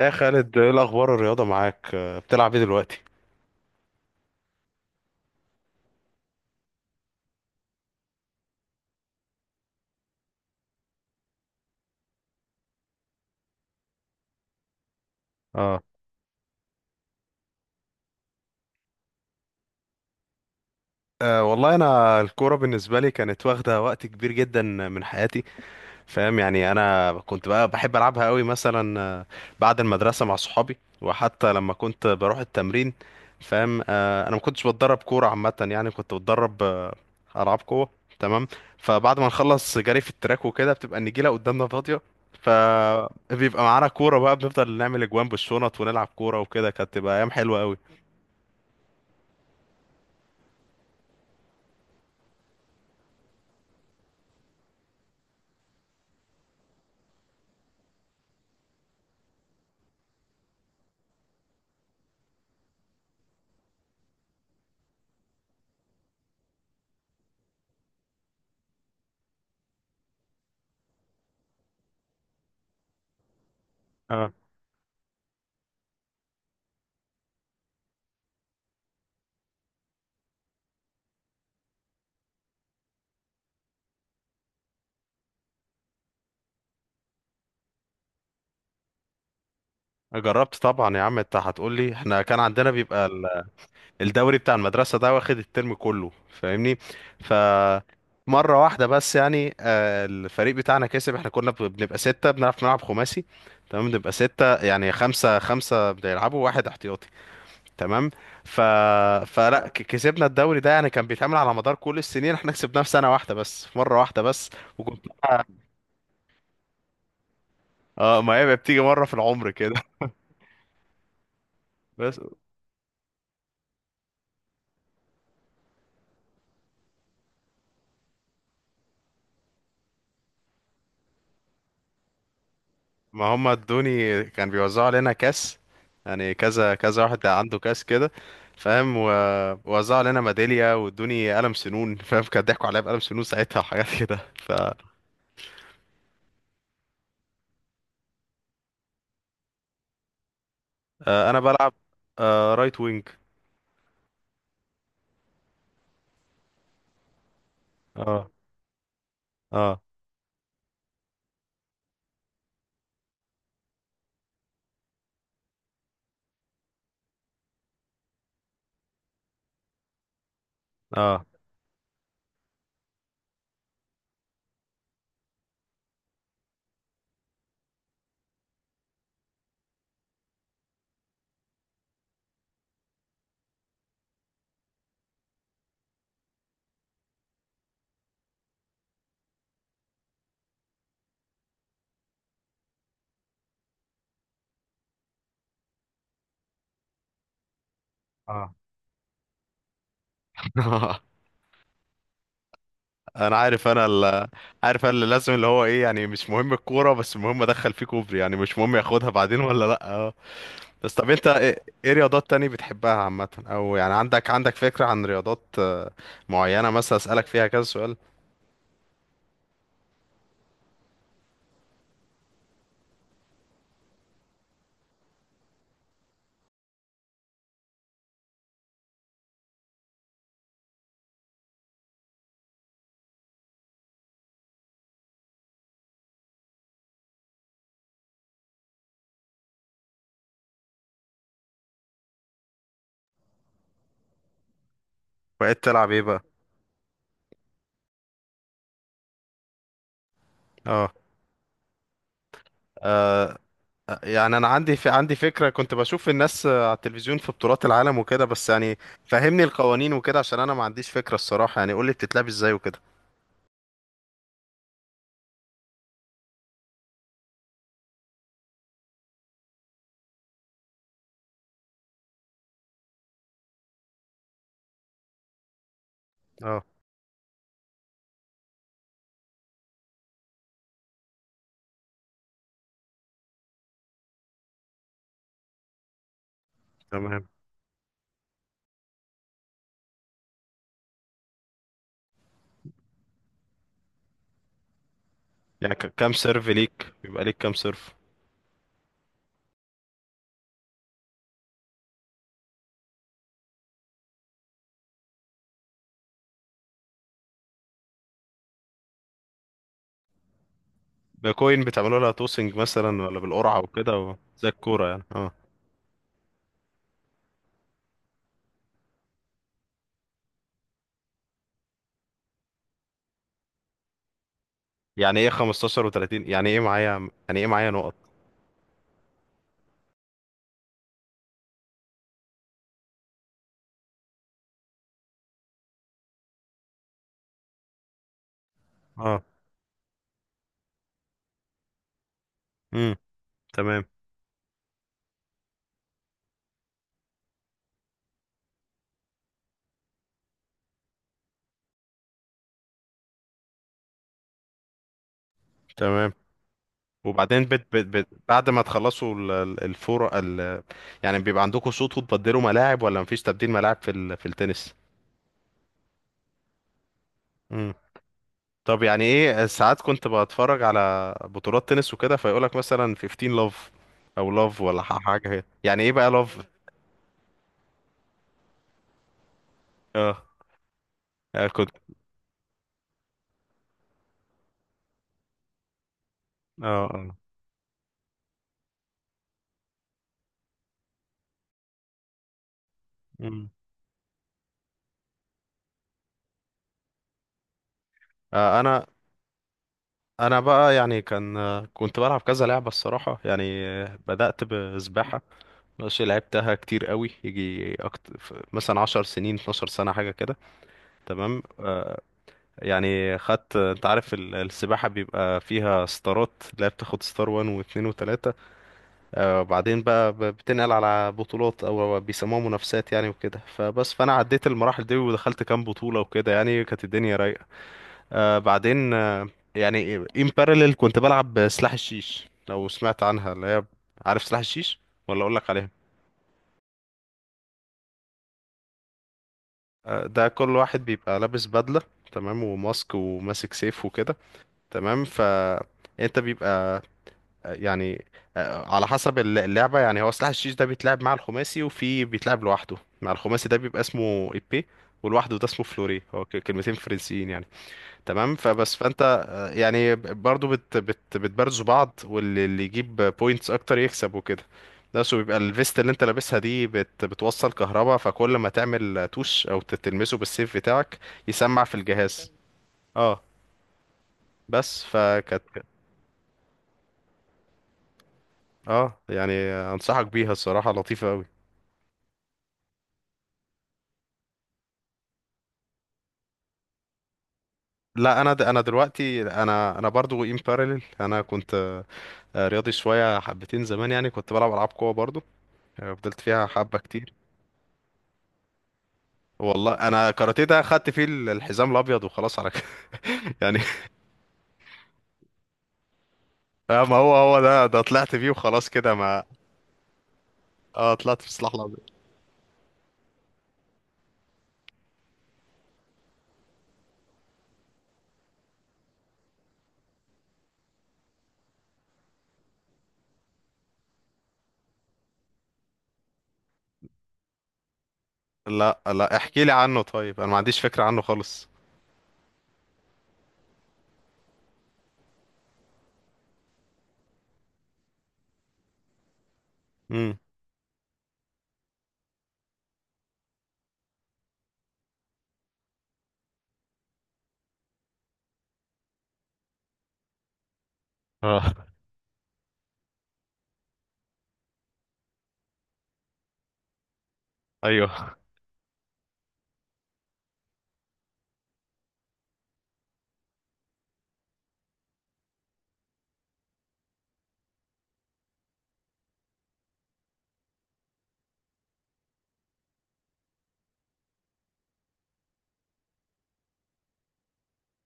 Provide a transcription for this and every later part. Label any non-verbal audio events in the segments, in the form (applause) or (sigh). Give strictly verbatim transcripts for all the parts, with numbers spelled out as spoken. يا خالد، ايه الاخبار؟ الرياضه معاك. آه، بتلعب ايه دلوقتي؟ اه. أه، والله انا الكوره بالنسبه لي كانت واخده وقت كبير جدا من حياتي. فاهم؟ يعني انا كنت بقى بحب العبها قوي، مثلا آه، بعد المدرسه مع صحابي، وحتى لما كنت بروح التمرين. فاهم؟ آه، انا ما كنتش بتدرب كوره عامه، يعني كنت بتدرب آه، العاب قوه. تمام. فبعد ما نخلص جري في التراك وكده بتبقى النجيله قدامنا فاضيه. فبيبقى معانا كوره بقى، بنفضل نعمل اجوان بالشنط ونلعب كوره، وكده كانت تبقى ايام حلوه قوي. اه. جربت طبعا يا عم، انت هتقول لي احنا كان عندنا بيبقى الدوري بتاع المدرسة ده واخد الترم كله. فاهمني؟ ف مرة واحدة بس يعني، آه، الفريق بتاعنا كسب. احنا كنا ب- بنبقى ستة، بنعرف نلعب خماسي. تمام؟ بنبقى ستة، يعني خمسة خمسة بيلعبوا، واحد احتياطي. تمام. ف... فلا ك- كسبنا الدوري ده، يعني كان بيتعمل على مدار كل السنين، احنا كسبناه في سنة واحدة بس، في مرة واحدة بس. وكنت اه، ما هي بتيجي مرة في العمر كده. (laughs) بس. ما هم ادوني، كان بيوزعوا علينا كاس، يعني كذا كذا واحد عنده كاس كده. فاهم؟ و- ووزعوا علينا ميدالية، وادوني قلم سنون. (laughs) فاهم؟ كان ضحكوا عليا بقلم سنون ساعتها وحاجات كده. ف آه، انا بلعب آه، رايت وينج. اه، اه، اه، اه. (laughs) انا عارف. انا ال... عارف انا اللي لازم، اللي هو ايه، يعني مش مهم الكورة، بس المهم ادخل فيه كوبري، يعني مش مهم ياخدها بعدين ولا لا آه. بس، طب انت ايه ايه رياضات تاني بتحبها عامة؟ او يعني عندك عندك فكرة عن رياضات آه، معينة مثلا اسألك فيها كذا سؤال؟ بقيت تلعب ايه بقى؟ اه. آه، يعني انا عندي في عندي فكرة، كنت بشوف الناس آه، على التلفزيون في بطولات العالم وكده، بس يعني فهمني القوانين وكده عشان انا ما عنديش فكرة الصراحة. يعني قولي بتتلعب ازاي وكده. اه، تمام. يعني ك- كام سيرف ليك؟ بيبقى ليك كام سيرف؟ بكوين بتعملوا لها توسنج مثلا، ولا بالقرعة وكده، و- زي الكورة يعني؟ اه. يعني ايه خمسة عشر و30؟ يعني ايه معايا يعني ايه معايا نقط؟ اه. امم. تمام. تمام، وبعدين بت بت بت بعد ما تخلصوا ال- ال- الفور ال يعني بيبقى عندكم شوط وتبدلوا ملاعب، ولا مفيش تبديل ملاعب في ال... في التنس؟ امم. طب يعني ايه ساعات كنت بتفرج على بطولات تنس وكده فيقولك مثلا خمسة عشر لاف، او لاف، ولا ح- حاجه هي؟ يعني ايه بقى لاف؟ اه. آه، كنت اه، اه، مم. آه، انا انا بقى يعني، كان كنت بلعب كذا لعبه الصراحه، يعني بدات بسباحه. ماشي، لعبتها كتير قوي، يجي أكت... ف- مثلا عشر سنين، اتناشر سنه حاجه كده. تمام. يعني خدت، انت عارف ال- السباحه بيبقى فيها ستارات، لا بتاخد ستار واحد و2 و3، وبعدين بقى ب- بتنقل على بطولات او بيسموها منافسات يعني وكده. فبس، فانا عديت المراحل دي، ودخلت كام بطوله وكده، يعني كانت الدنيا رايقه. آه بعدين. آه يعني ان بارلل كنت بلعب سلاح الشيش، لو سمعت عنها، اللي هي، عارف سلاح الشيش؟ ولا اقول لك عليها؟ آه ده كل واحد بيبقى لابس بدلة، تمام، وماسك وماسك سيف وكده. تمام. ف انت بيبقى، آه، يعني آه، على حسب الل- اللعبة. يعني هو سلاح الشيش ده بيتلعب مع الخماسي، وفي بيتلعب لوحده. مع الخماسي ده بيبقى اسمه ايبي، ولوحده ده اسمه فلوري. هو ك- كلمتين فرنسيين يعني. تمام. فبس، فانت آه، يعني برضو بت بت بتبرزوا بعض، واللي اللي يجيب بوينتس اكتر يكسب وكده. بس. وبيبقى الفيست اللي انت لابسها دي بت بتوصل كهربا، فكل ما تعمل توش او ت- تلمسه بالسيف بتاعك يسمع في الجهاز. اه. بس فكانت. اه، يعني انصحك بيها الصراحة، لطيفة قوي. لا انا، د- انا دلوقتي، انا انا برضو ان باراليل، انا كنت آه، رياضي شوية حبتين زمان، يعني كنت بلعب العاب قوة برضو. آه، فضلت فيها حبة كتير. والله انا كاراتيه ده خدت فيه ال- الحزام الابيض وخلاص على كده. (laughs) يعني آه، ما هو هو ده ده طلعت فيه وخلاص كده ما. اه، طلعت في السلاح الابيض. لا لا، احكي لي عنه طيب، انا ما عنديش فكرة عنه خالص. امم. اه. ايوه.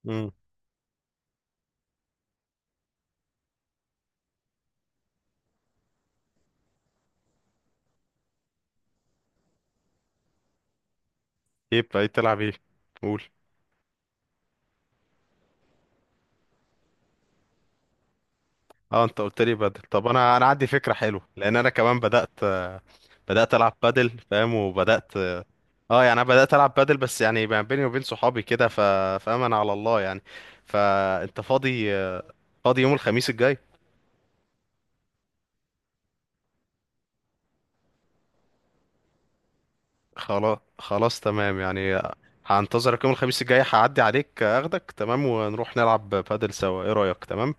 امم. ايه بقى إيه تلعب ايه؟ قول. اه، انت قلت لي بدل. طب انا انا عندي فكرة حلوة، لان انا كمان بدأت آه، بدأت العب بدل. فاهم؟ وبدأت. اه، آه، يعني انا بدأت العب بدل، بس يعني ما بيني وبين صحابي كده، ف... فاهم؟ انا على الله يعني. فانت فاضي آه، فاضي يوم الخميس الجاي؟ خلاص، خلاص، تمام يعني. هنتظرك يوم الخميس الجاي، هعدي عليك اخدك، تمام، ونروح نلعب بادل سوا. ايه رأيك؟ تمام.